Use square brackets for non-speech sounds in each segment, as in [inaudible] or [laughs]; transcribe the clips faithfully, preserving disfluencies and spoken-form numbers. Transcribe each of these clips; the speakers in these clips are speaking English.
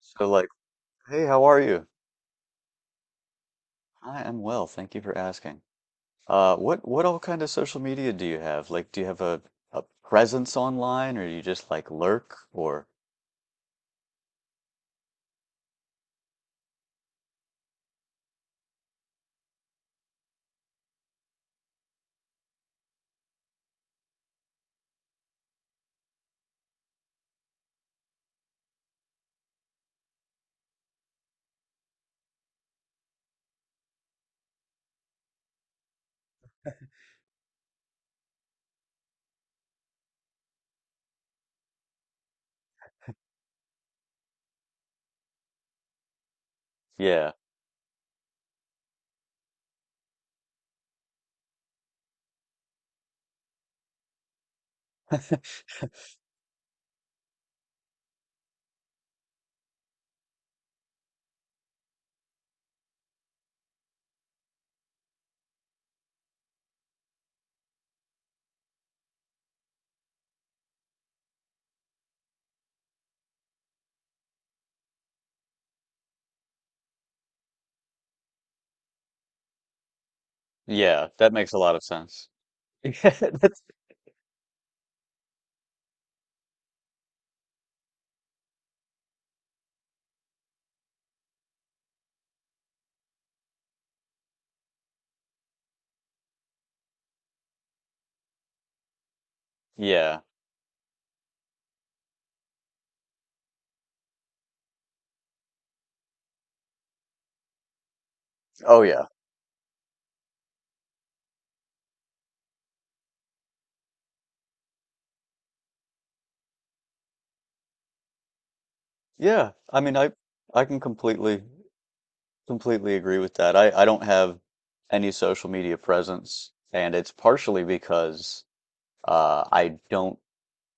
So like, hey, how are you? I am well, thank you for asking. Uh, what what all kind of social media do you have? Like, do you have a a presence online, or you just like lurk? Or yeah, yeah, that makes a lot of sense. [laughs] Yeah, that's yeah. Oh yeah. Yeah. I mean, I I can completely completely agree with that. I I don't have any social media presence, and it's partially because uh I don't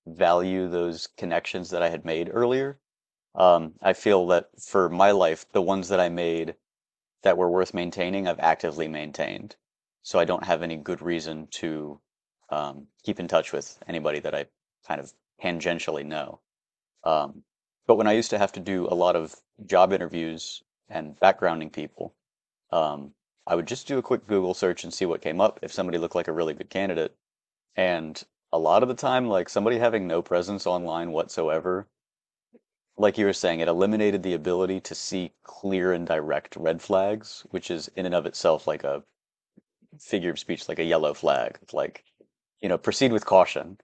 value those connections that I had made earlier. Um, I feel that for my life, the ones that I made that were worth maintaining, I've actively maintained. So I don't have any good reason to um, keep in touch with anybody that I kind of tangentially know. Um, but when I used to have to do a lot of job interviews and backgrounding people, um, I would just do a quick Google search and see what came up if somebody looked like a really good candidate. And a lot of the time, like somebody having no presence online whatsoever like you were saying, it eliminated the ability to see clear and direct red flags, which is in and of itself like a figure of speech, like a yellow flag. It's like, you know, proceed with caution.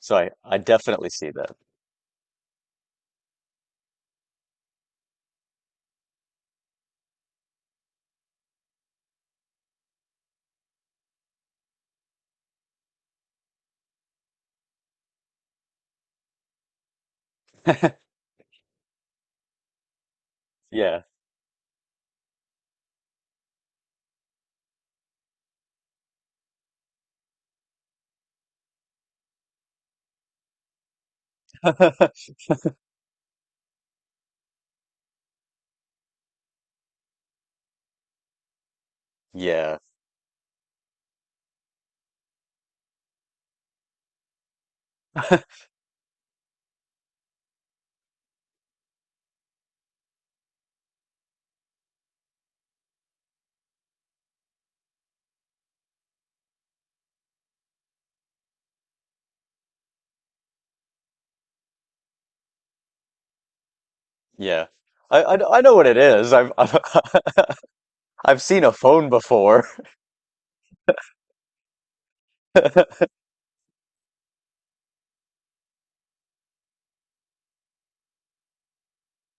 So I, I definitely see that. Yeah. [laughs] Yeah. Yeah. I, I, I know what it is. I've, I've, [laughs] I've seen a phone before. [laughs]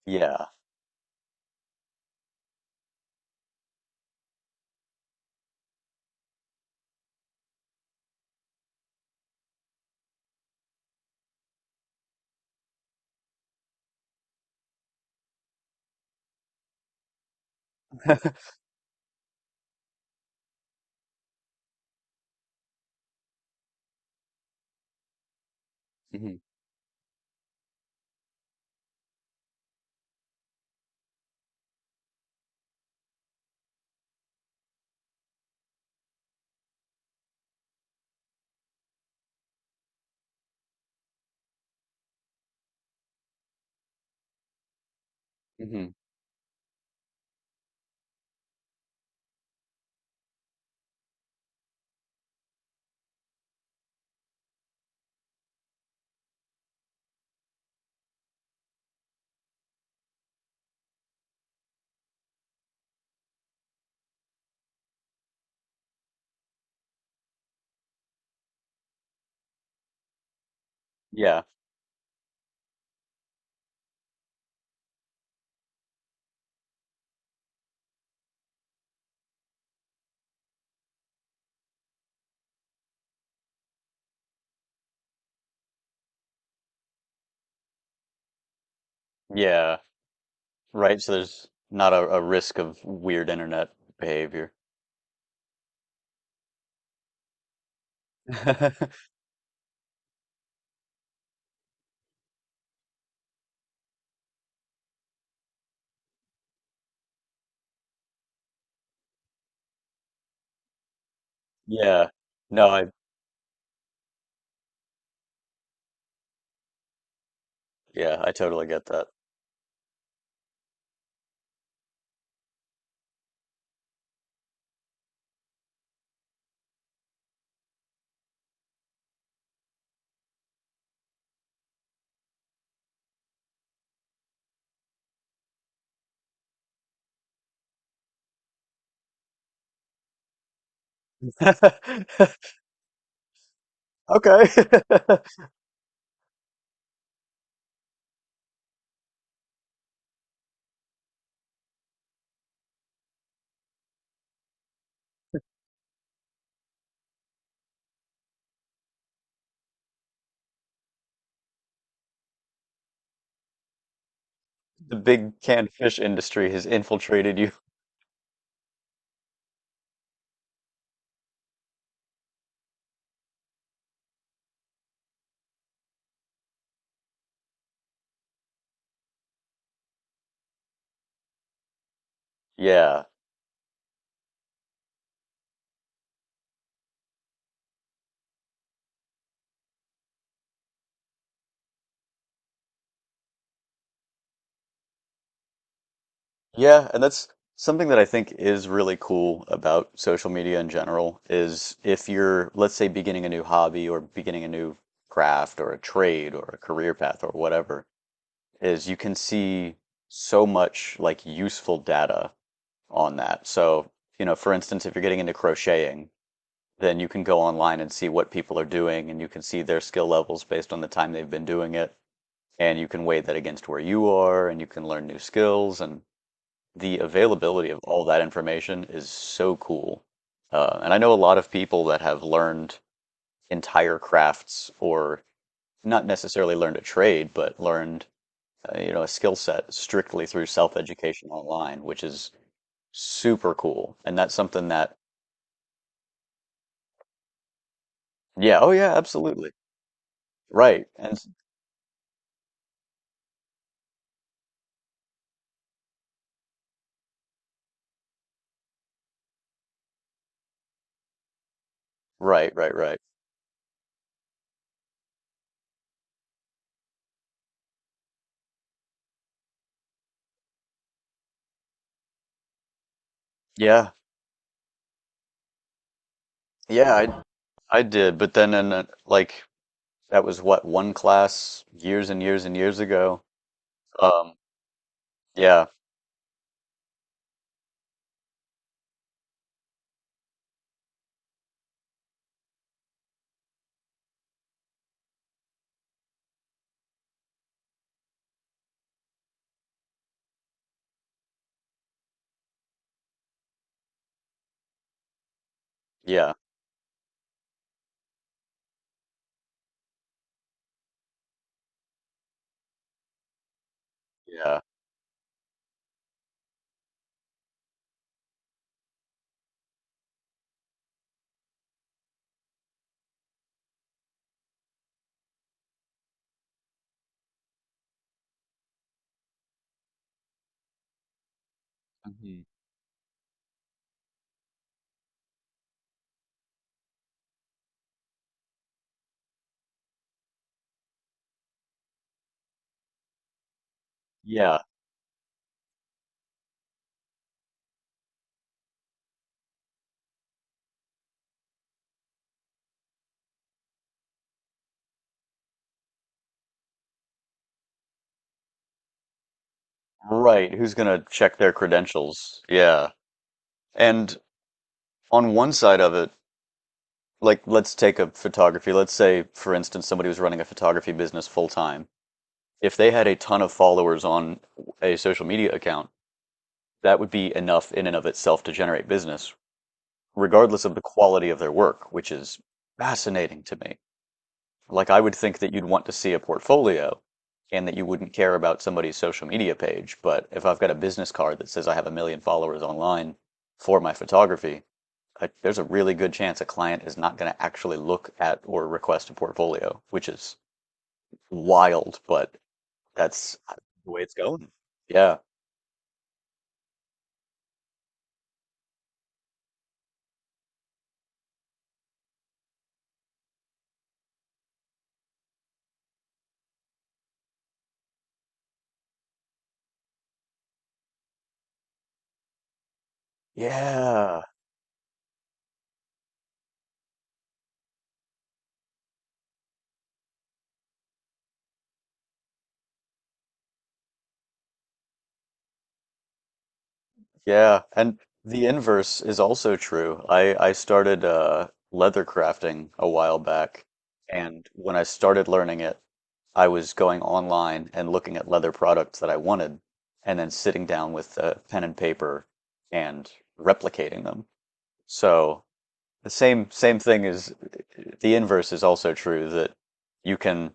Yeah. Hmm. Hmm. Yeah. Yeah. Right. So there's not a, a risk of weird internet behavior. [laughs] Yeah. No, I yeah, I totally get that. [laughs] Okay. [laughs] The big canned fish industry has infiltrated you. Yeah. Yeah, and that's something that I think is really cool about social media in general is if you're, let's say, beginning a new hobby or beginning a new craft or a trade or a career path or whatever, is you can see so much like useful data on that. So, you know, for instance, if you're getting into crocheting, then you can go online and see what people are doing and you can see their skill levels based on the time they've been doing it and you can weigh that against where you are and you can learn new skills and the availability of all that information is so cool. Uh, and I know a lot of people that have learned entire crafts or not necessarily learned a trade but learned uh, you know, a skill set strictly through self-education online, which is super cool, and that's something that yeah, oh yeah, absolutely right. And right right right Yeah, yeah, I I did, but then in a, like that was what, one class years and years and years ago. Um, yeah, yeah, yeah, hmm, yeah, right. Who's gonna check their credentials? Yeah, and on one side of it, like let's take a photography. Let's say, for instance, somebody was running a photography business full time. If they had a ton of followers on a social media account, that would be enough in and of itself to generate business, regardless of the quality of their work, which is fascinating to me. Like, I would think that you'd want to see a portfolio and that you wouldn't care about somebody's social media page. But if I've got a business card that says I have a million followers online for my photography, I, there's a really good chance a client is not going to actually look at or request a portfolio, which is wild, but that's the way it's going. Yeah. Yeah. Yeah, and the inverse is also true. I I started uh leather crafting a while back, and when I started learning it, I was going online and looking at leather products that I wanted, and then sitting down with uh, pen and paper and replicating them. So the same same thing is the inverse is also true, that you can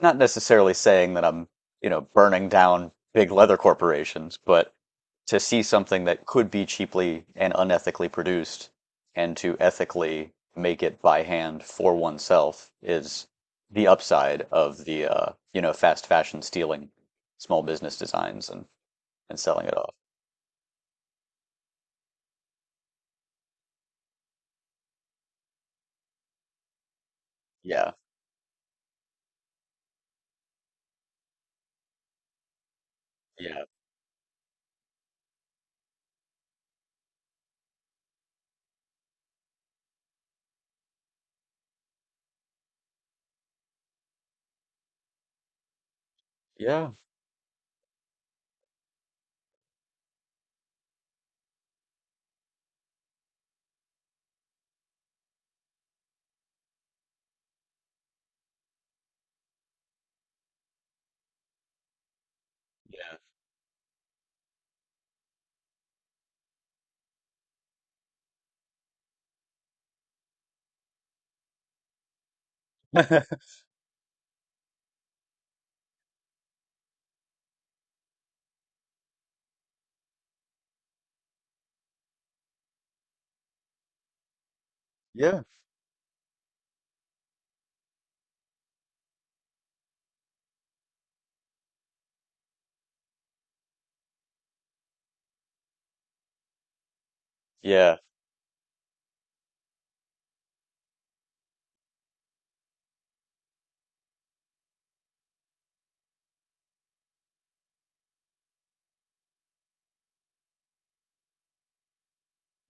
not necessarily saying that I'm, you know, burning down big leather corporations, but to see something that could be cheaply and unethically produced and to ethically make it by hand for oneself is the upside of the uh, you know, fast fashion stealing small business designs and and selling it off. Yeah. Yeah. Yeah. Yeah. [laughs] Yeah. Yeah.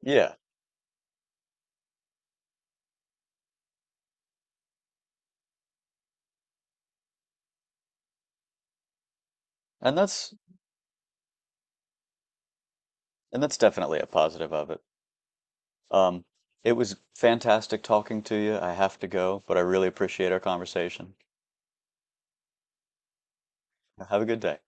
Yeah. And that's and that's definitely a positive of it. Um, it was fantastic talking to you. I have to go, but I really appreciate our conversation. Have a good day.